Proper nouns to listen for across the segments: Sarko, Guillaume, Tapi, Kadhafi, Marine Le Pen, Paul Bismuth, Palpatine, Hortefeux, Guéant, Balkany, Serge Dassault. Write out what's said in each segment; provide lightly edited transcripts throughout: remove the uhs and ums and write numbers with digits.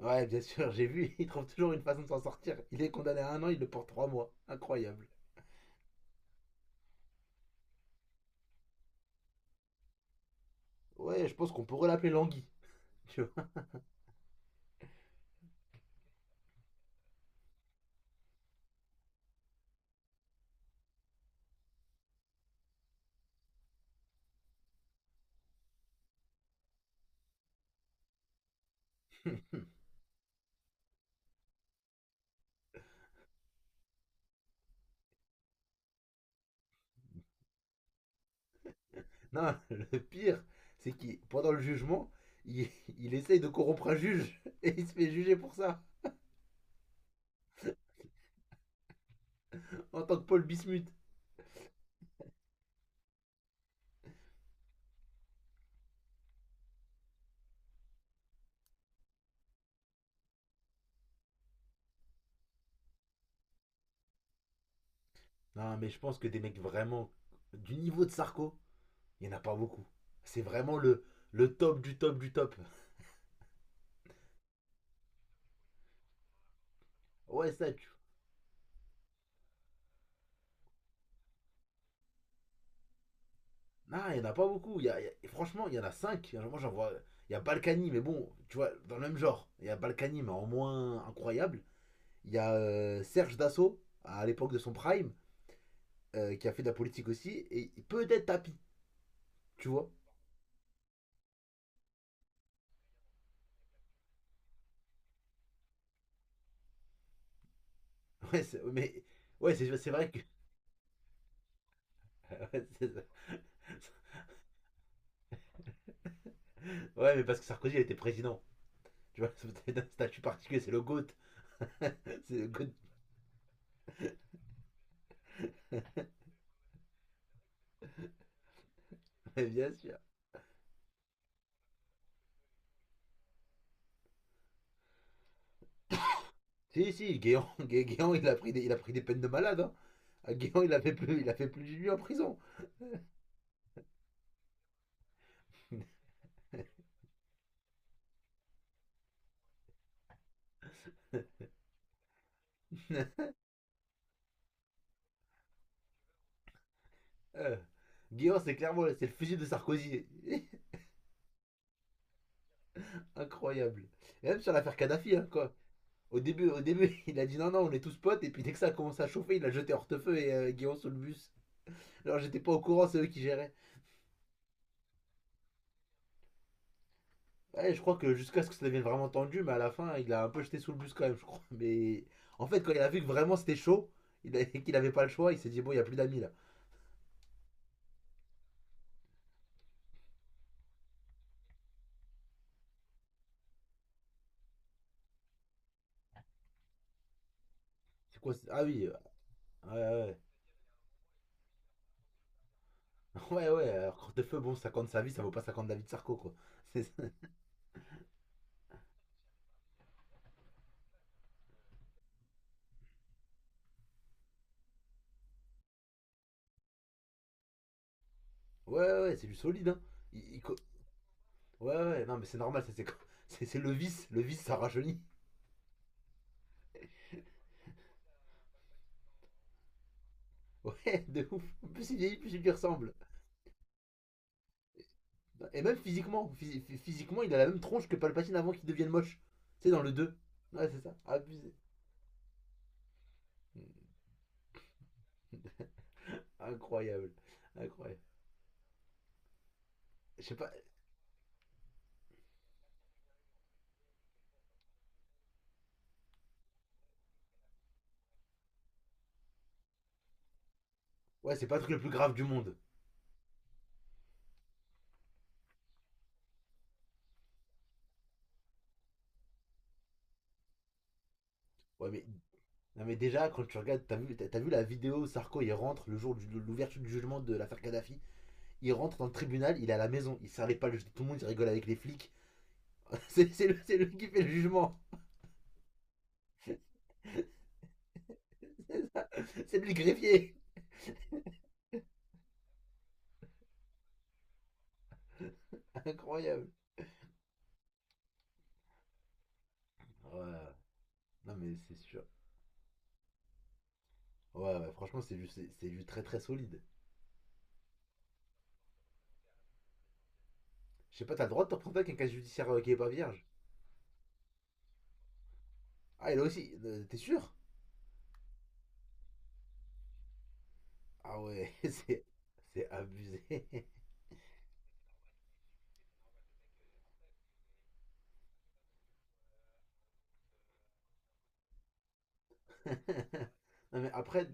Ouais, bien sûr, j'ai vu, il trouve toujours une façon de s'en sortir. Il est condamné à un an, il le porte 3 mois. Incroyable. Ouais, je pense qu'on pourrait l'appeler Langui, tu vois. Non, le pire, c'est qu'il, pendant le jugement, il, il essaye de corrompre un juge et il se fait juger pour ça, en tant que Paul Bismuth. Non, mais je pense que des mecs vraiment du niveau de Sarko, il n'y en a pas beaucoup. C'est vraiment le top du top du top. Ouais, ça, tu. Non, il n'y en a pas beaucoup. Il y a- y a- Franchement, il y en a cinq. Moi, j'en vois. Il y a Balkany, mais bon, tu vois, dans le même genre. Il y a Balkany, mais en moins incroyable. Il y a Serge Dassault, à l'époque de son prime, qui a fait de la politique aussi. Et peut-être Tapi, tu vois. Ouais, mais. Ouais, c'est vrai que. Ouais, ouais, mais parce que Sarkozy, il était président. Tu vois, c'est un statut particulier, c'est le GOAT. c'est le GOAT, ouais, bien sûr. Si, si, Guéant, il a pris des peines de malade. Hein. Guéant, il a fait plus de lui en prison. Euh, Guillaume, c'est clairement c'est le fusil de Sarkozy. Incroyable. Et même sur l'affaire Kadhafi, hein, quoi. Au début, il a dit non, non, on est tous potes, et puis dès que ça a commencé à chauffer, il a jeté Hortefeux et Guillaume sous le bus. Alors j'étais pas au courant, c'est eux qui géraient. Ouais, je crois que jusqu'à ce que ça devienne vraiment tendu, mais à la fin, il a un peu jeté sous le bus quand même, je crois. Mais en fait, quand il a vu que vraiment c'était chaud, et qu'il avait pas le choix, il s'est dit bon, il y a plus d'amis là. C'est quoi? Ah oui, ouais, ouais. Ouais, ouais, alors Hortefeux, bon, 50 sa vie, ça vaut pas 50 David Sarko, quoi. C'est- Ouais, ouais, ouais, c'est du solide, hein. Il Ouais, ouais, non, mais c'est normal, ça, c'est c'est le vice. Le vice, ça rajeunit. Ouais, de ouf. Plus il vieillit, plus il lui ressemble. Et même physiquement, physiquement, il a la même tronche que Palpatine avant qu'il devienne moche. Tu sais, dans le deux. Ouais, c'est ça. Abusé. Hmm. Incroyable. Incroyable. Je sais pas. Ouais, c'est pas le truc le plus grave du monde. Ouais, mais, non, mais déjà, quand tu regardes, t'as vu la vidéo où Sarko, il rentre le jour de l'ouverture du jugement de l'affaire Kadhafi. Il rentre dans le tribunal, il est à la maison. Il serre les pas, tout le monde, il rigole avec les flics. C'est lui qui fait le jugement. C'est lui le greffier. Incroyable. Ouais. Non, mais c'est sûr. Ouais, ouais, franchement, c'est du très très solide. Je sais pas, t'as le droit de te représenter avec un casier judiciaire qui est pas vierge. Ah, il a aussi. T'es sûr? Ah ouais, c'est abusé. Non, mais après,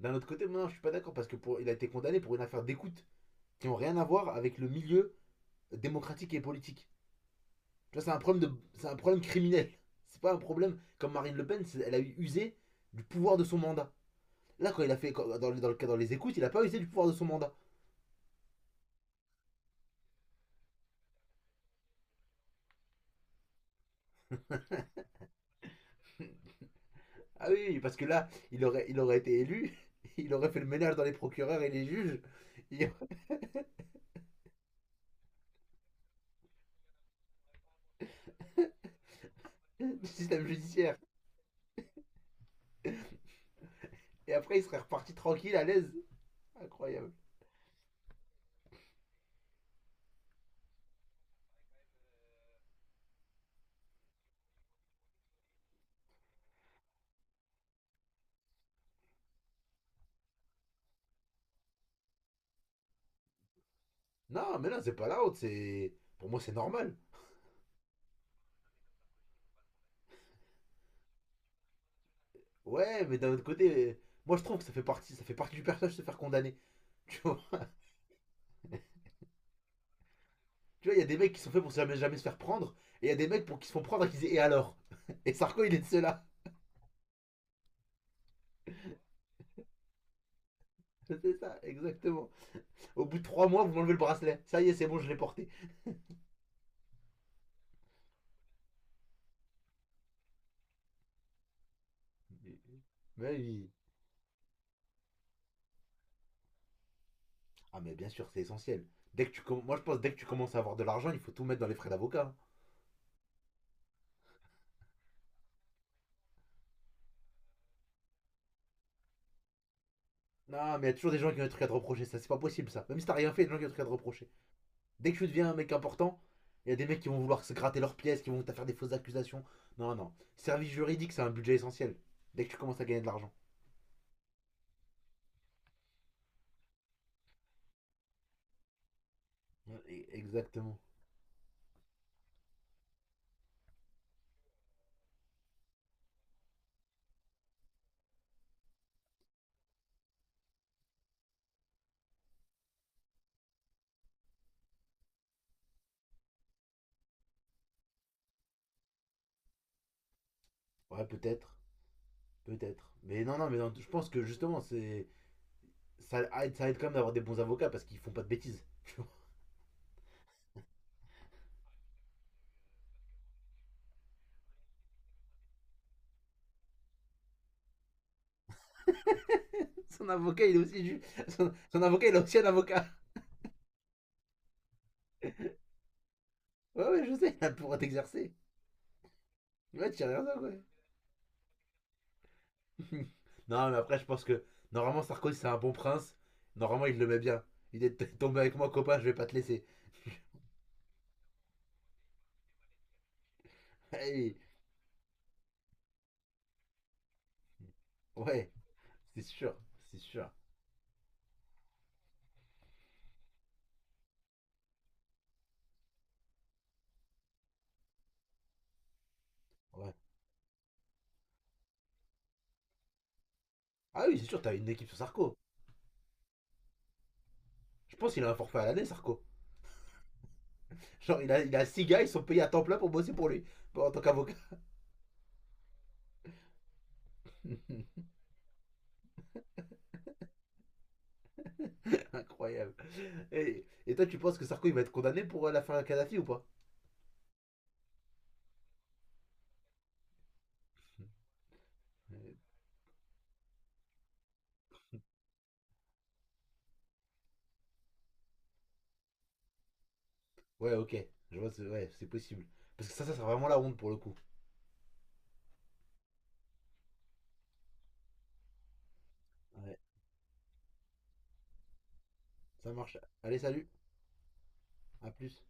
d'un autre côté, moi non, je suis pas d'accord parce que pour, il a été condamné pour une affaire d'écoute qui ont rien à voir avec le milieu démocratique et politique. C'est un problème de, c'est un problème criminel. C'est pas un problème comme Marine Le Pen, elle a usé du pouvoir de son mandat. Là, quand il a fait dans les écoutes, il a pas usé du pouvoir de son mandat. Ah oui, oui, parce que là, il aurait été élu, il aurait fait le ménage dans les procureurs et les juges, il du système judiciaire, et après il serait reparti tranquille, à l'aise. Incroyable. Non, mais non, c'est pas la honte, c'est, pour moi, c'est normal. Ouais, mais d'un autre côté, moi je trouve que ça fait partie du personnage de se faire condamner. Tu vois. Tu vois, il y a des mecs qui sont faits pour jamais, jamais se faire prendre, et il y a des mecs pour qui se font prendre et qui disent: «Et alors?» Et Sarko, il est de ceux-là. C'est ça, exactement. Au bout de 3 mois, vous m'enlevez le bracelet. Ça y est, c'est bon, je l'ai porté. Mais oui. Ah, mais bien sûr, c'est essentiel. Dès que moi, je pense dès que tu commences à avoir de l'argent, il faut tout mettre dans les frais d'avocat, hein. Non, mais il y a toujours des gens qui ont des trucs à te reprocher. Ça, c'est pas possible, ça. Même si t'as rien fait, il y a des gens qui ont des trucs à te reprocher. Dès que tu deviens un mec important, il y a des mecs qui vont vouloir se gratter leurs pièces, qui vont te faire des fausses accusations. Non, non. Service juridique, c'est un budget essentiel. Dès que tu commences à gagner de l'argent. Ouais, exactement. Ouais, peut-être. Peut-être. Mais non, non, mais non, je pense que justement, ça aide quand même d'avoir des bons avocats parce qu'ils font pas de bêtises, tu vois. Son avocat, il est aussi du... son avocat, il a aussi un avocat. Ouais, ouais, je sais, il pourra t'exercer. Ouais, tu sais rien ça, ouais. Non, mais après, je pense que normalement, Sarkozy, c'est un bon prince. Normalement, il le met bien. Il est tombé avec moi, copain, je vais pas te laisser. Hey, ouais, c'est sûr, c'est sûr. Ouais. Ah oui, c'est sûr, t'as une équipe sur Sarko. Je pense qu'il a un forfait à l'année, Sarko. Genre, il a six gars, ils sont payés à temps plein pour bosser pour lui. Bon, en tant qu'avocat. Incroyable. Et toi, tu penses que Sarko, il va être condamné pour la fin de Kadhafi ou pas? Euh, Ouais, ok. Je vois, c'est ouais, c'est possible. Parce que ça sera vraiment la honte pour le coup. Ouais, ça marche. Allez, salut. À plus.